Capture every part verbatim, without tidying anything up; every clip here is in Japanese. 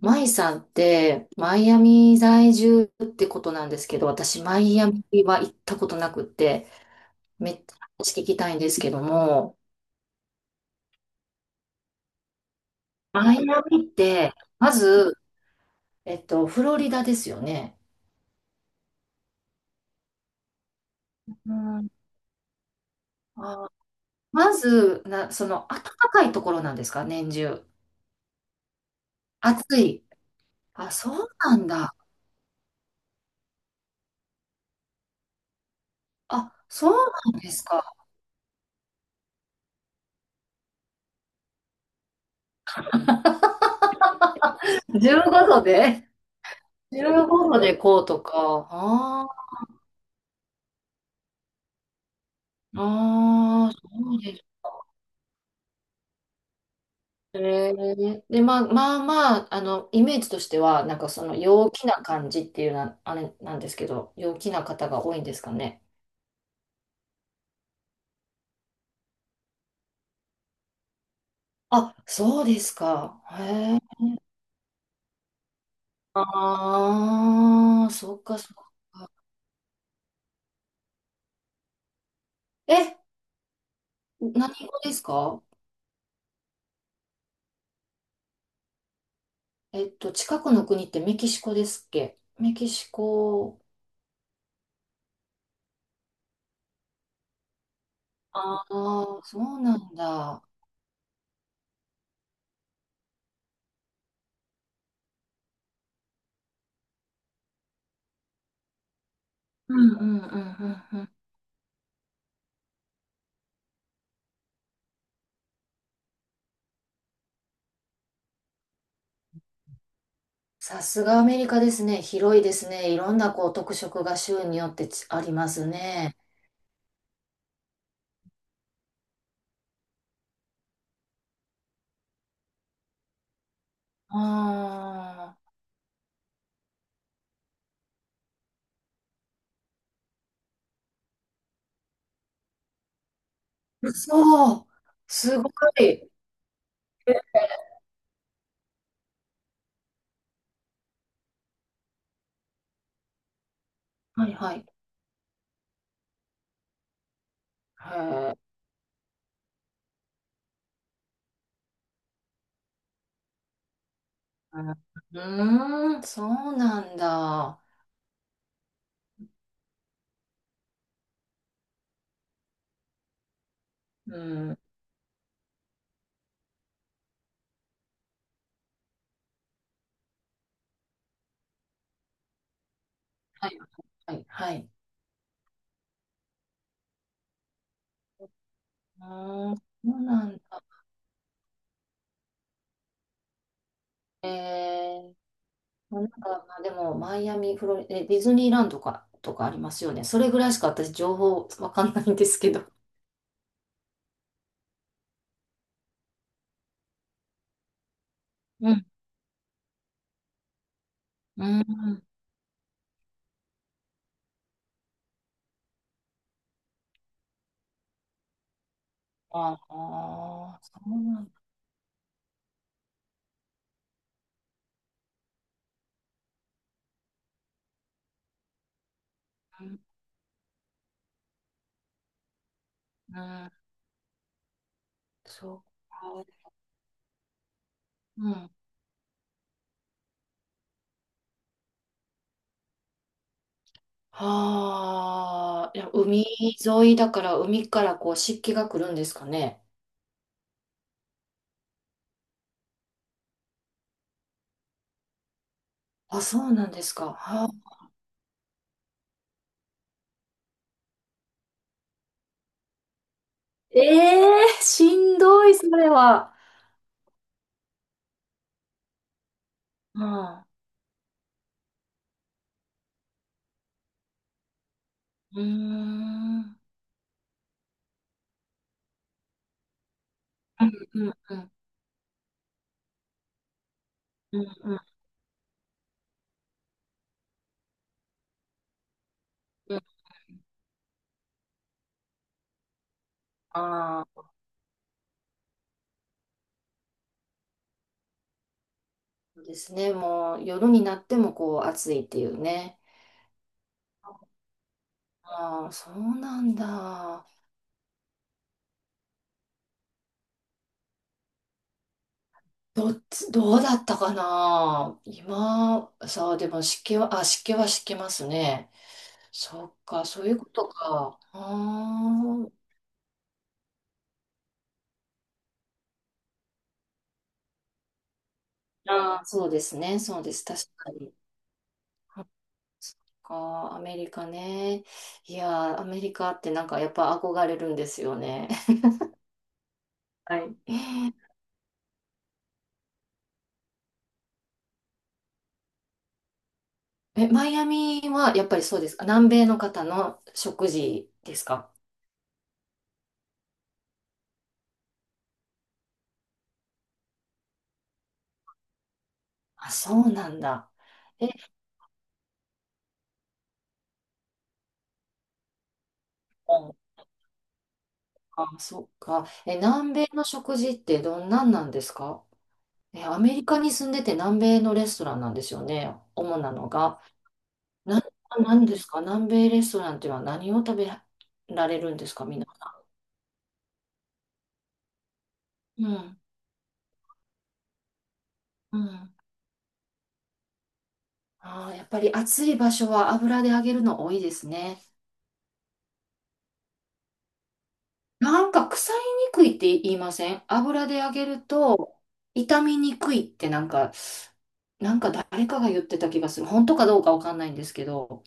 マイさんって、マイアミ在住ってことなんですけど、私、マイアミは行ったことなくって、めっちゃ話聞きたいんですけども、マイアミって、まず、えっと、フロリダですよね。うん、あー、まず、な、その、暖かいところなんですか、年中。暑い。あ、そうなんだ。あ、そうなんですか。15度で ?15 度でこうとか。あーあー、そうです。えー、で、まあ、まあまあ、あの、イメージとしては、なんかその陽気な感じっていうな、あれなんですけど、陽気な方が多いんですかね。あ、そうですか。へえ。ああ、そっかそっか。え、何語ですか？えっと、近くの国ってメキシコですっけ、メキシコ。ああ、そうなんだ。うんうんうんうんうん。さすがアメリカですね。広いですね。いろんなこう特色が州によってちありますね。ああ、そう、すごい。はいはい。へえ、うーん、そうなんだ。うん、はいはいはい。うーん、そうなんだ。えー、まあなんか、まあ、でも、マイアミ、フロリ、え、ディズニーランドか、とかありますよね。それぐらいしか私、情報わかんないんですけど。うん、うん。ああ、そうなんだ。うん、そうか。うん。はあ、いや、海沿いだから海からこう湿気が来るんですかね。あ、そうなんですか。はあ、ええー、しんどい、それは。はあ、うーん。うんうんうんうんうんうん。ああ、そうですね。もう夜になってもこう暑いっていうね。ああ、そうなんだ。どっち、どうだったかな。今、さあ、でも湿気は、あ、湿気は湿気ますね。そっか、そういうことか。あーあーそうですね、そうです。確かに。そっか、アメリカね。いやー、アメリカってなんかやっぱ憧れるんですよね。はい。え、マイアミはやっぱりそうですか。南米の方の食事ですか。あ、そうなんだ。え、うん、あ、そっか。え、南米の食事ってどんなんなんですか？え、アメリカに住んでて南米のレストランなんですよね。主なのが。な、なんですか南米レストランっていうのは、何を食べられるんですか、みんな？うん。うん。ああ、やっぱり暑い場所は油で揚げるの多いですね。なんか腐りにくいって言いません？油で揚げると傷みにくいってなんか、なんか誰かが言ってた気がする。本当かどうかわかんないんですけど。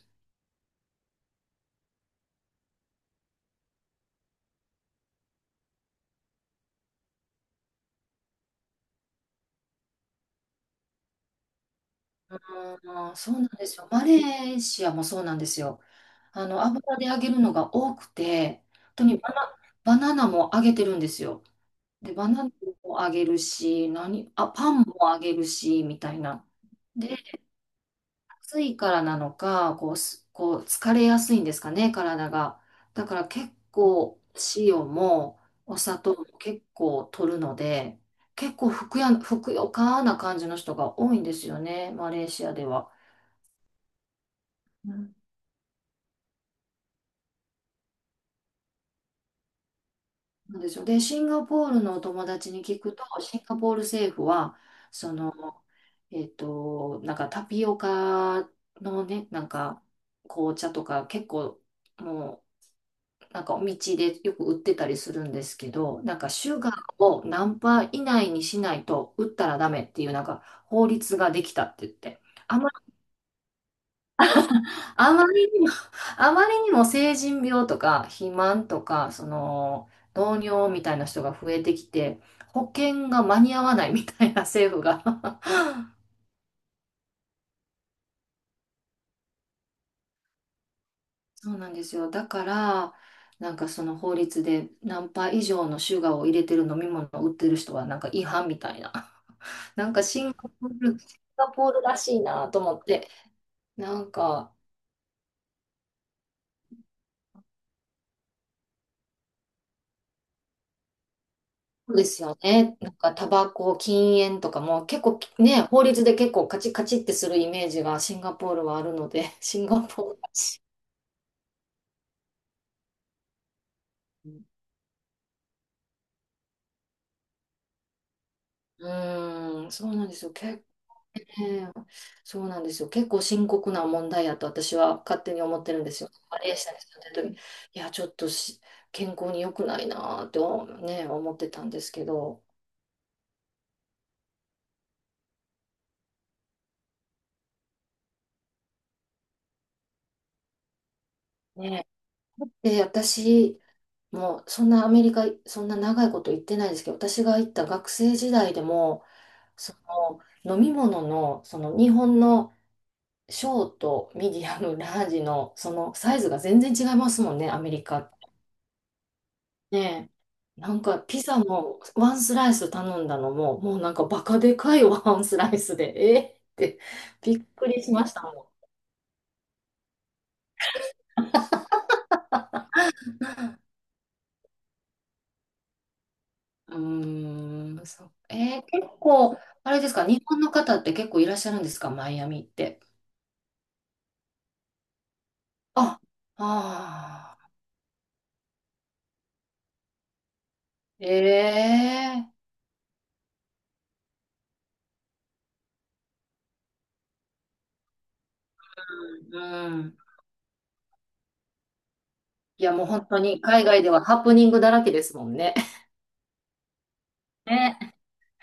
ああ、そうなんですよ。マレーシアもそうなんですよ。あの、油で揚げるのが多くて、本当にバナ、バナナも揚げてるんですよ。で、バナナもあげるし、何、あ、パンもあげるし、みたいな。で、暑いからなのか、こう、すこう疲れやすいんですかね、体が。だから結構、塩もお砂糖も結構取るので、結構ふくや、ふくよかな感じの人が多いんですよね、マレーシアでは。うん、なんですよ。で、シンガポールのお友達に聞くと、シンガポール政府は、その、えっと、なんかタピオカのね、なんか紅茶とか結構もう、なんかお道でよく売ってたりするんですけど、なんかシュガーを何パー以内にしないと売ったらダメっていうなんか法律ができたって言って、あまあまりにも、あまりにも成人病とか肥満とか、その、糖尿みたいな人が増えてきて、保険が間に合わないみたいな政府が。 そうなんですよ。だから、なんかその法律で何パー以上のシュガーを入れてる飲み物を売ってる人はなんか違反みたいな。なんかシンガポール、シンガポールらしいなと思って、なんか、そうですよね。なんか、タバコ、禁煙とかも結構ね、法律で結構カチッカチってするイメージがシンガポールはあるので、シンガポールだし。うーん、そうなんですよ。結ね、そうなんですよ。結構深刻な問題やと私は勝手に思ってるんですよ。マレーシアに住んでる時、いや、ちょっとし健康に良くないなぁとね、思ってたんですけど、ね。で、私、もうそんなアメリカ、そんな長いこと行ってないですけど、私が行った学生時代でも、その飲み物の、その日本のショート、ミディアム、ラージのそのサイズが全然違いますもんね、アメリカって。ねえ、なんかピザもワンスライス頼んだのも、もうなんかバカでかいワンスライスで、えーってびっくりしましたもん。うーん、そう。えー結構、あれですか、日本の方って結構いらっしゃるんですか、マイアミって。あ、ああ、ええ、うん。いや、もう本当に海外ではハプニングだらけですもんね。ね